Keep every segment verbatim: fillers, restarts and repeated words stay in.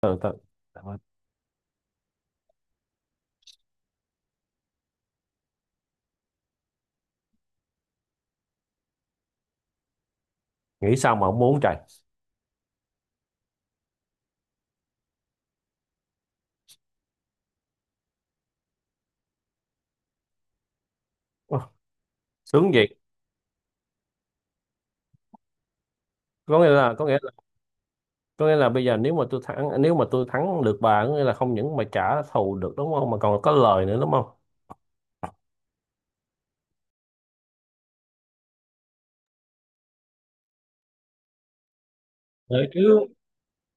ừ, tao, nghĩ sao mà không muốn trời. Ồ, sướng vậy. có nghĩa là có nghĩa là có nghĩa là bây giờ nếu mà tôi thắng, nếu mà tôi thắng được bà, có nghĩa là không những mà trả thù được, đúng không, mà còn có lời nữa, đúng không? Đấy, chứ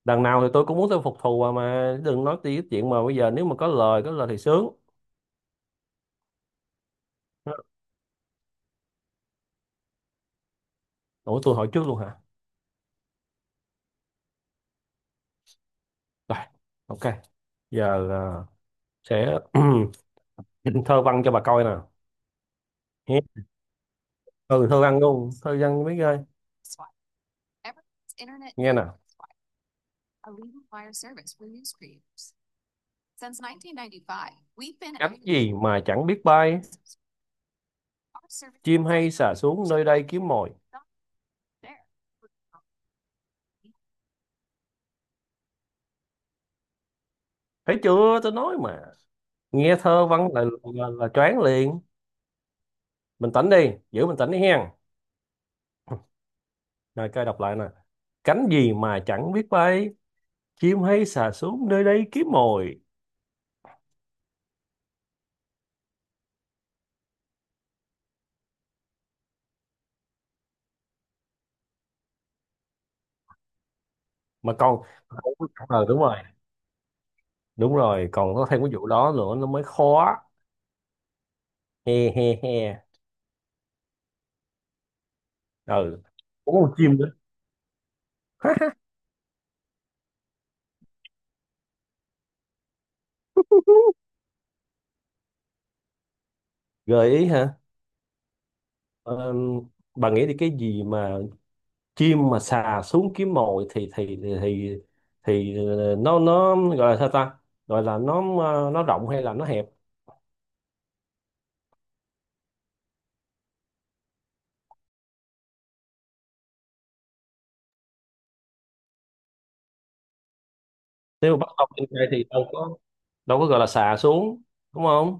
đằng nào thì tôi cũng muốn tôi phục thù bà, mà đừng nói tí cái chuyện mà bây giờ nếu mà có lời có lời thì sướng. Ủa, tôi hỏi trước luôn hả? Rồi, ok. Giờ là sẽ thơ văn cho bà coi nè. Nghe. Ừ, thơ văn luôn, thơ văn biết ơi. Nghe nè. Cánh gì mà chẳng biết bay, chim hay xà xuống nơi đây kiếm mồi. Thấy chưa, tôi nói mà. Nghe thơ văn là là, là choáng liền. Mình tĩnh đi, giữ mình tĩnh đi hen. Rồi coi đọc lại nè. Cánh gì mà chẳng biết bay, chim hay xà xuống nơi đây kiếm mồi. Mà còn, ờ đúng rồi, đúng rồi, còn có thêm cái vụ đó nữa, nó mới khó. He he he. Ừ, có con chim nữa. Gợi ý hả? Ờ, bà nghĩ thì cái gì mà chim mà sà xuống kiếm mồi thì thì thì thì, thì ờ, nó nó gọi là sao ta, gọi là nó, ờ, nó rộng hay là nó hẹp? Nếu mà bắt ốc trên cây thì đâu có, đâu có gọi là xà xuống, đúng không?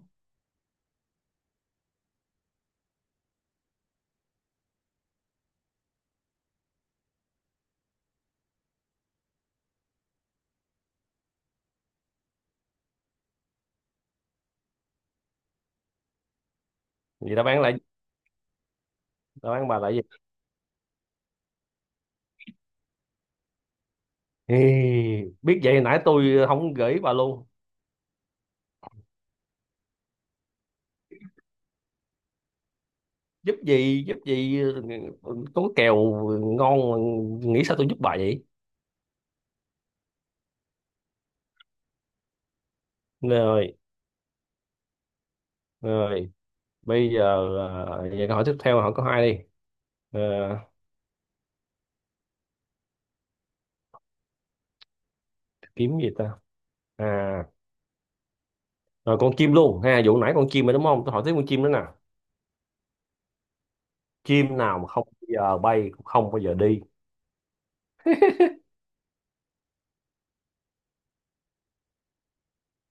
Vậy đáp án lại, đáp án bà lại gì? Ê, biết vậy nãy tôi không gửi bà luôn. Giúp gì, giúp gì? Ờ, có kèo ngon mà, nghĩ sao tôi giúp bà vậy? Rồi, rồi, bây giờ, à, vậy câu hỏi tiếp theo, hỏi có hai đi. Ờ, kiếm gì ta? À, rồi con chim luôn ha, vụ nãy con chim rồi đúng không? Tôi hỏi tiếp con chim nữa nè. Chim nào mà không bao giờ bay, cũng không bao giờ đi,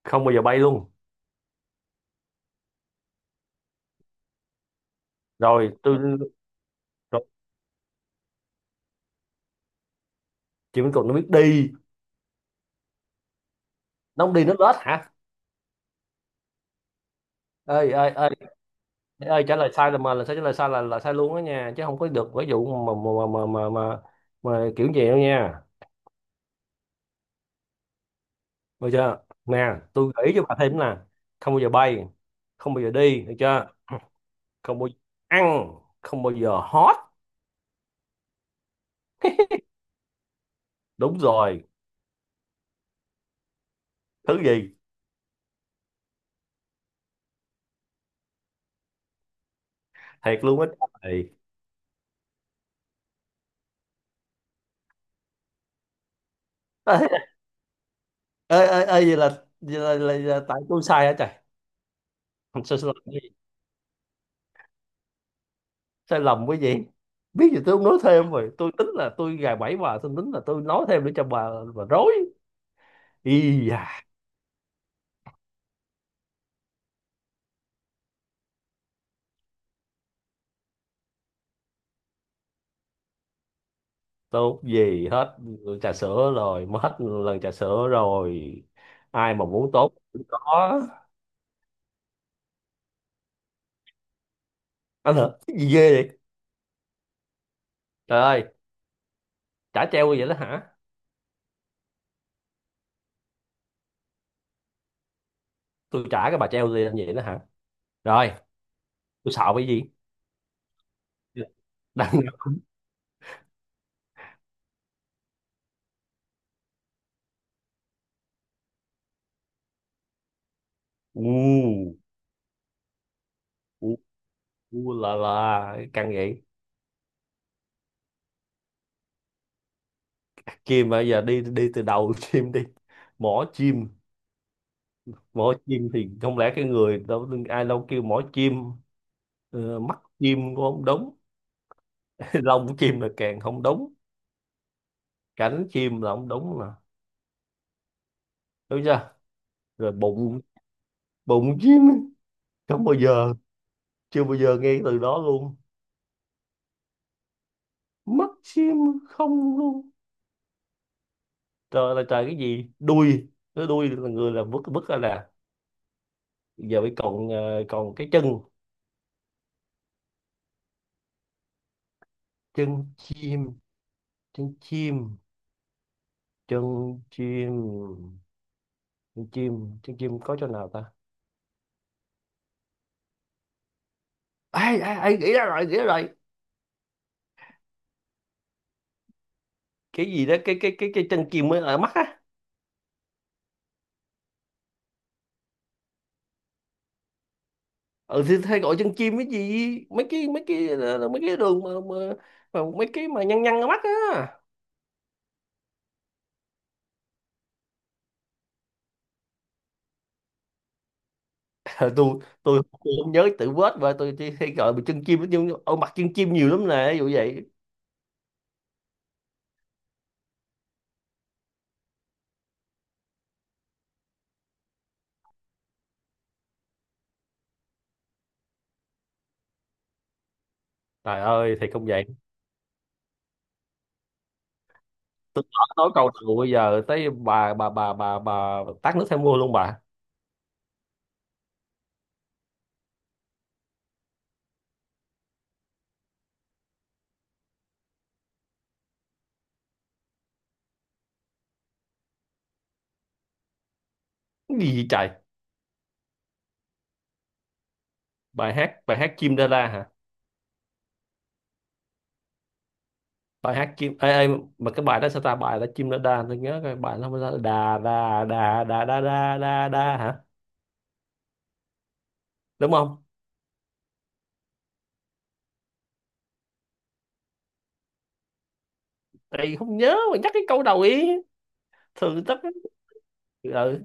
không bao giờ bay luôn. Rồi tôi, rồi, chim cục nó biết đi, nó không đi, nó lết hả? Ơi ơi ơi, ơi trả lời sai là, mà là sao, trả lời sai là là sai luôn đó nha, chứ không có được cái vụ mà mà mà mà mà, mà, kiểu gì đâu nha. Được chưa? Nè, tôi gợi ý cho bà thêm nè. Không bao giờ bay, không bao giờ đi, được chưa? Không bao giờ ăn, không bao giờ hót. Đúng rồi. Thứ gì? Thiệt luôn á. Ơi, ơi ơi ơi, vậy là, vậy là, là, là tại tôi sai hả trời? Không, sai sai lầm cái gì, sai lầm cái gì. Biết gì, tôi không nói thêm, rồi tôi tính là tôi gài bẫy bà, tôi tính là tôi nói thêm để cho bà bà rối. Y da. Tốt gì hết, trà sữa rồi, mất hết lần trà sữa rồi. Ai mà muốn tốt cũng có. Anh hả, cái gì ghê vậy? Trời ơi, trả treo như vậy đó hả? Tôi trả, cái bà treo gì như vậy đó hả? Rồi, tôi sợ cái gì? Đang. U. U. U là là căng vậy. Kim bây giờ đi đi từ đầu. Chim đi. Mỏ chim, mỏ chim thì không lẽ cái người đâu, ai đâu kêu mỏ chim. Ờ, mắt chim cũng không đúng. Lông chim là càng không đúng. Cánh chim là không đúng mà, đúng chưa? Rồi bụng, bụng chim, không bao giờ, chưa bao giờ nghe cái từ đó luôn. Mắt chim, không luôn. Trời là trời, cái gì đuôi, cái đuôi là người là vứt vứt ra nè. Giờ mới còn ờ, còn cái chân. Chân chim, chân chim, chân chim, chim trứng chim có chỗ nào ta? Ai ai ai nghĩ ra rồi, nghĩ ra rồi. Cái gì đó cái cái cái cái chân chim mới ở mắt á. Ừ, thì hay gọi chân chim, cái gì mấy cái, mấy cái là- là mấy cái đường mà, mà, mà mấy cái mà nhăn nhăn ở mắt á. Ờ, tôi tôi tôi không nhớ tự vết và tôi chỉ hay gọi bằng chân chim, nhưng ở mặt chân chim nhiều lắm nè, ví dụ vậy. Trời ơi thì không vậy. Tôi nói nói câu đầu, bây giờ tới bà, bà bà bà bà tát nước theo mưa luôn bà. Cái gì vậy trời? Bài hát bài hát chim đa la hả? Bài hát chim, ê, ê, mà cái bài đó sao ta, bài là chim nó đa, tôi nhớ cái bài nó không sao, đà đà đà đà đà đà đà đà hả, đúng không? Ê, không nhớ mà nhắc cái câu đầu ý, thường tất. Ừ.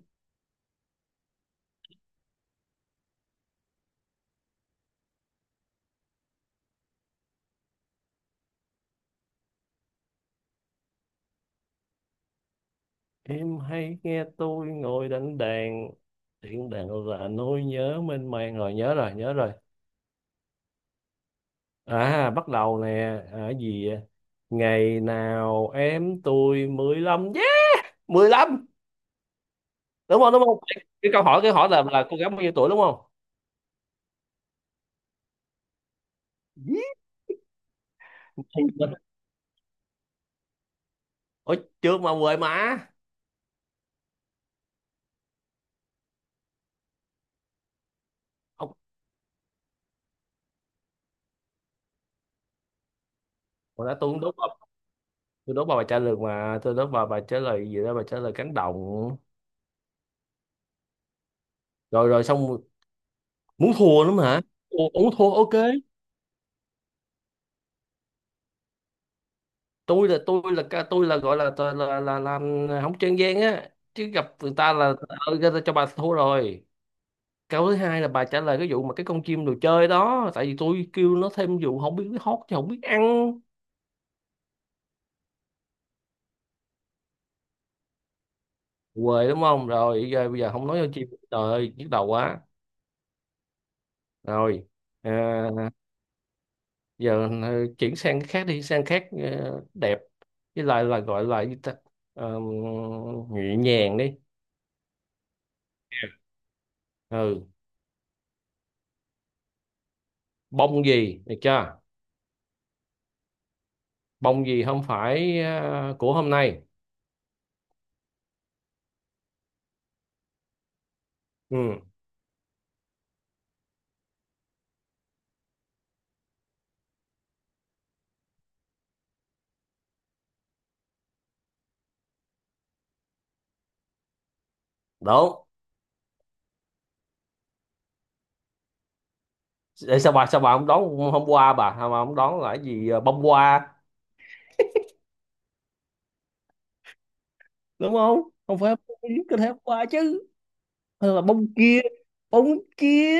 Em hay nghe tôi ngồi đánh đàn, tiếng đàn là nỗi nhớ mênh mang, rồi nhớ rồi, nhớ rồi. À bắt đầu nè. À, cái gì vậy? Ngày nào em tôi mười lăm, yeah, mười lăm. Đúng không, đúng không? Cái câu hỏi, cái hỏi là là cô gái bao nhiêu tuổi đúng không? Yeah. Ủa, chưa mà quên mà. Ông, hồi đó tôi cũng đốt bà, tôi đốt vào bài trả lời, mà tôi đốt vào bài trả lời gì đó, bài trả lời cánh đồng. Rồi rồi, xong. Muốn thua lắm hả? Ủa, muốn thua ok. Tôi là, tôi là ca- tôi là gọi là là là, là làm không trang gian á, chứ gặp người ta là, ờ, người ta cho bà thua rồi. Câu thứ hai là bà trả lời cái vụ mà cái con chim đồ chơi đó, tại vì tôi kêu nó thêm vụ không biết hót chứ không biết ăn. Quê đúng không? Rồi giờ bây giờ không nói con chim, trời ơi nhức đầu quá. Rồi. À, giờ ờ, chuyển sang cái khác đi, sang khác, ờ, đẹp với lại là gọi là gì ta, Ờ, nhẹ nhàng đi. Ừ, bông gì được chưa? Bông gì không phải, ờ, của hôm nay. Ừ đúng. Để sao bà, sao bà không đón hôm qua, bà sao bà không đón là cái gì, ờ, bông hoa, đúng không? Không phải bông gì, có thể hôm qua chứ, hay là bông kia, bông kia.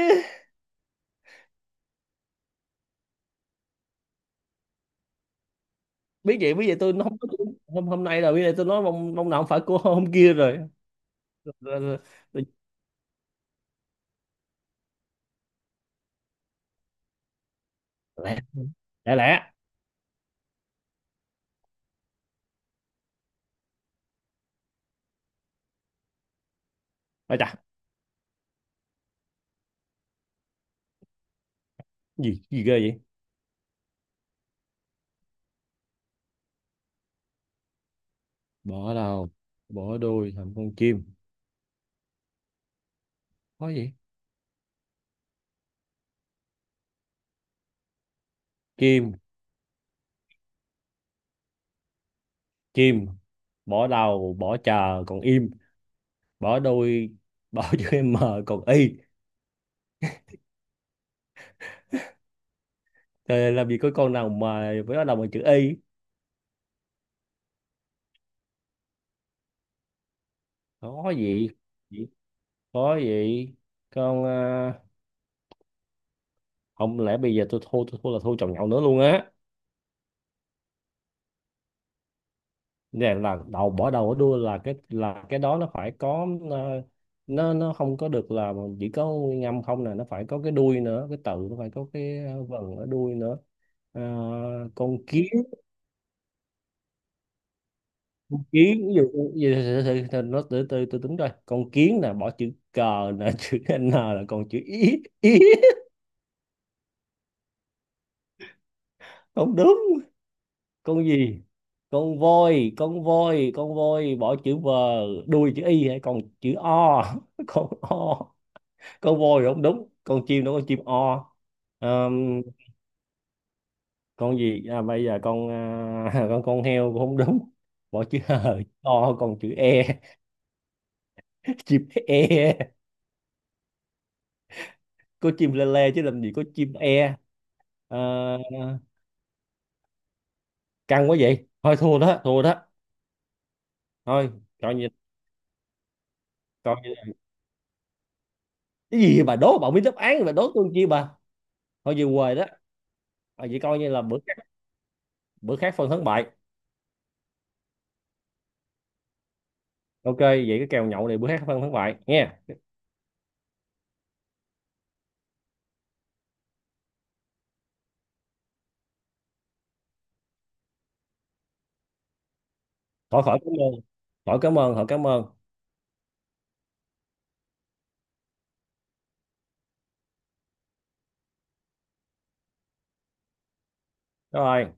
Biết vậy, biết vậy tôi nó không có. Hôm Hôm nay là, biết vậy tôi nói bông, bông nào không phải của hôm kia rồi. Rồi, rồi. Lẻ, lẻ, lẻ. Ôi chà, gì gì ghê vậy. Bỏ đầu, bỏ đuôi, thành con chim. Có gì, kim, chim, bỏ đầu bỏ chờ còn im, bỏ đuôi, bỏ chữ m, còn y. Trời, làm gì có con nào mà với nó đầu bằng chữ y. Có gì, có gì, con à, không lẽ bây giờ tôi thua, tôi thua là thua chồng nhậu nữa luôn á. Nè là đầu, bỏ đầu ở đuôi là cái, là cái đó nó phải có, ờ, nó nó không có được là chỉ có nguyên âm không nè, nó phải có cái đuôi nữa, cái tự nó phải có cái, ờ, vần ở đuôi nữa. Ờ, con kiến, con kiến ví dụ, ví dụ- từ, từ, từ, nó từ từ từ tính coi con kiến nè, bỏ chữ cờ nè chữ n là còn chữ ý ý. Không đúng. Con gì, con voi, con voi con voi bỏ chữ v, đuôi chữ y hay còn chữ o. Con o. Con voi thì không đúng, con chim đó, con chim o. Ờm, con gì, à, bây giờ con, à, con con heo cũng không đúng, bỏ chữ hờ chữ o còn chữ e. Chim e. Có chim lê lê chứ làm gì có chim e. Ờ, căng quá, vậy thôi thua đó, thua đó. Thôi, coi như, coi như, cái gì bà đố, bà biết đáp án bà đố tôi chi bà. Thôi về quê đó. À, vậy coi như là bữa khác, bữa khác phân thắng bại. Ok, vậy cái kèo nhậu này bữa khác phân thắng bại nha. Khỏi, khỏi cảm ơn, khỏi cảm ơn, khỏi cảm ơn. Rồi.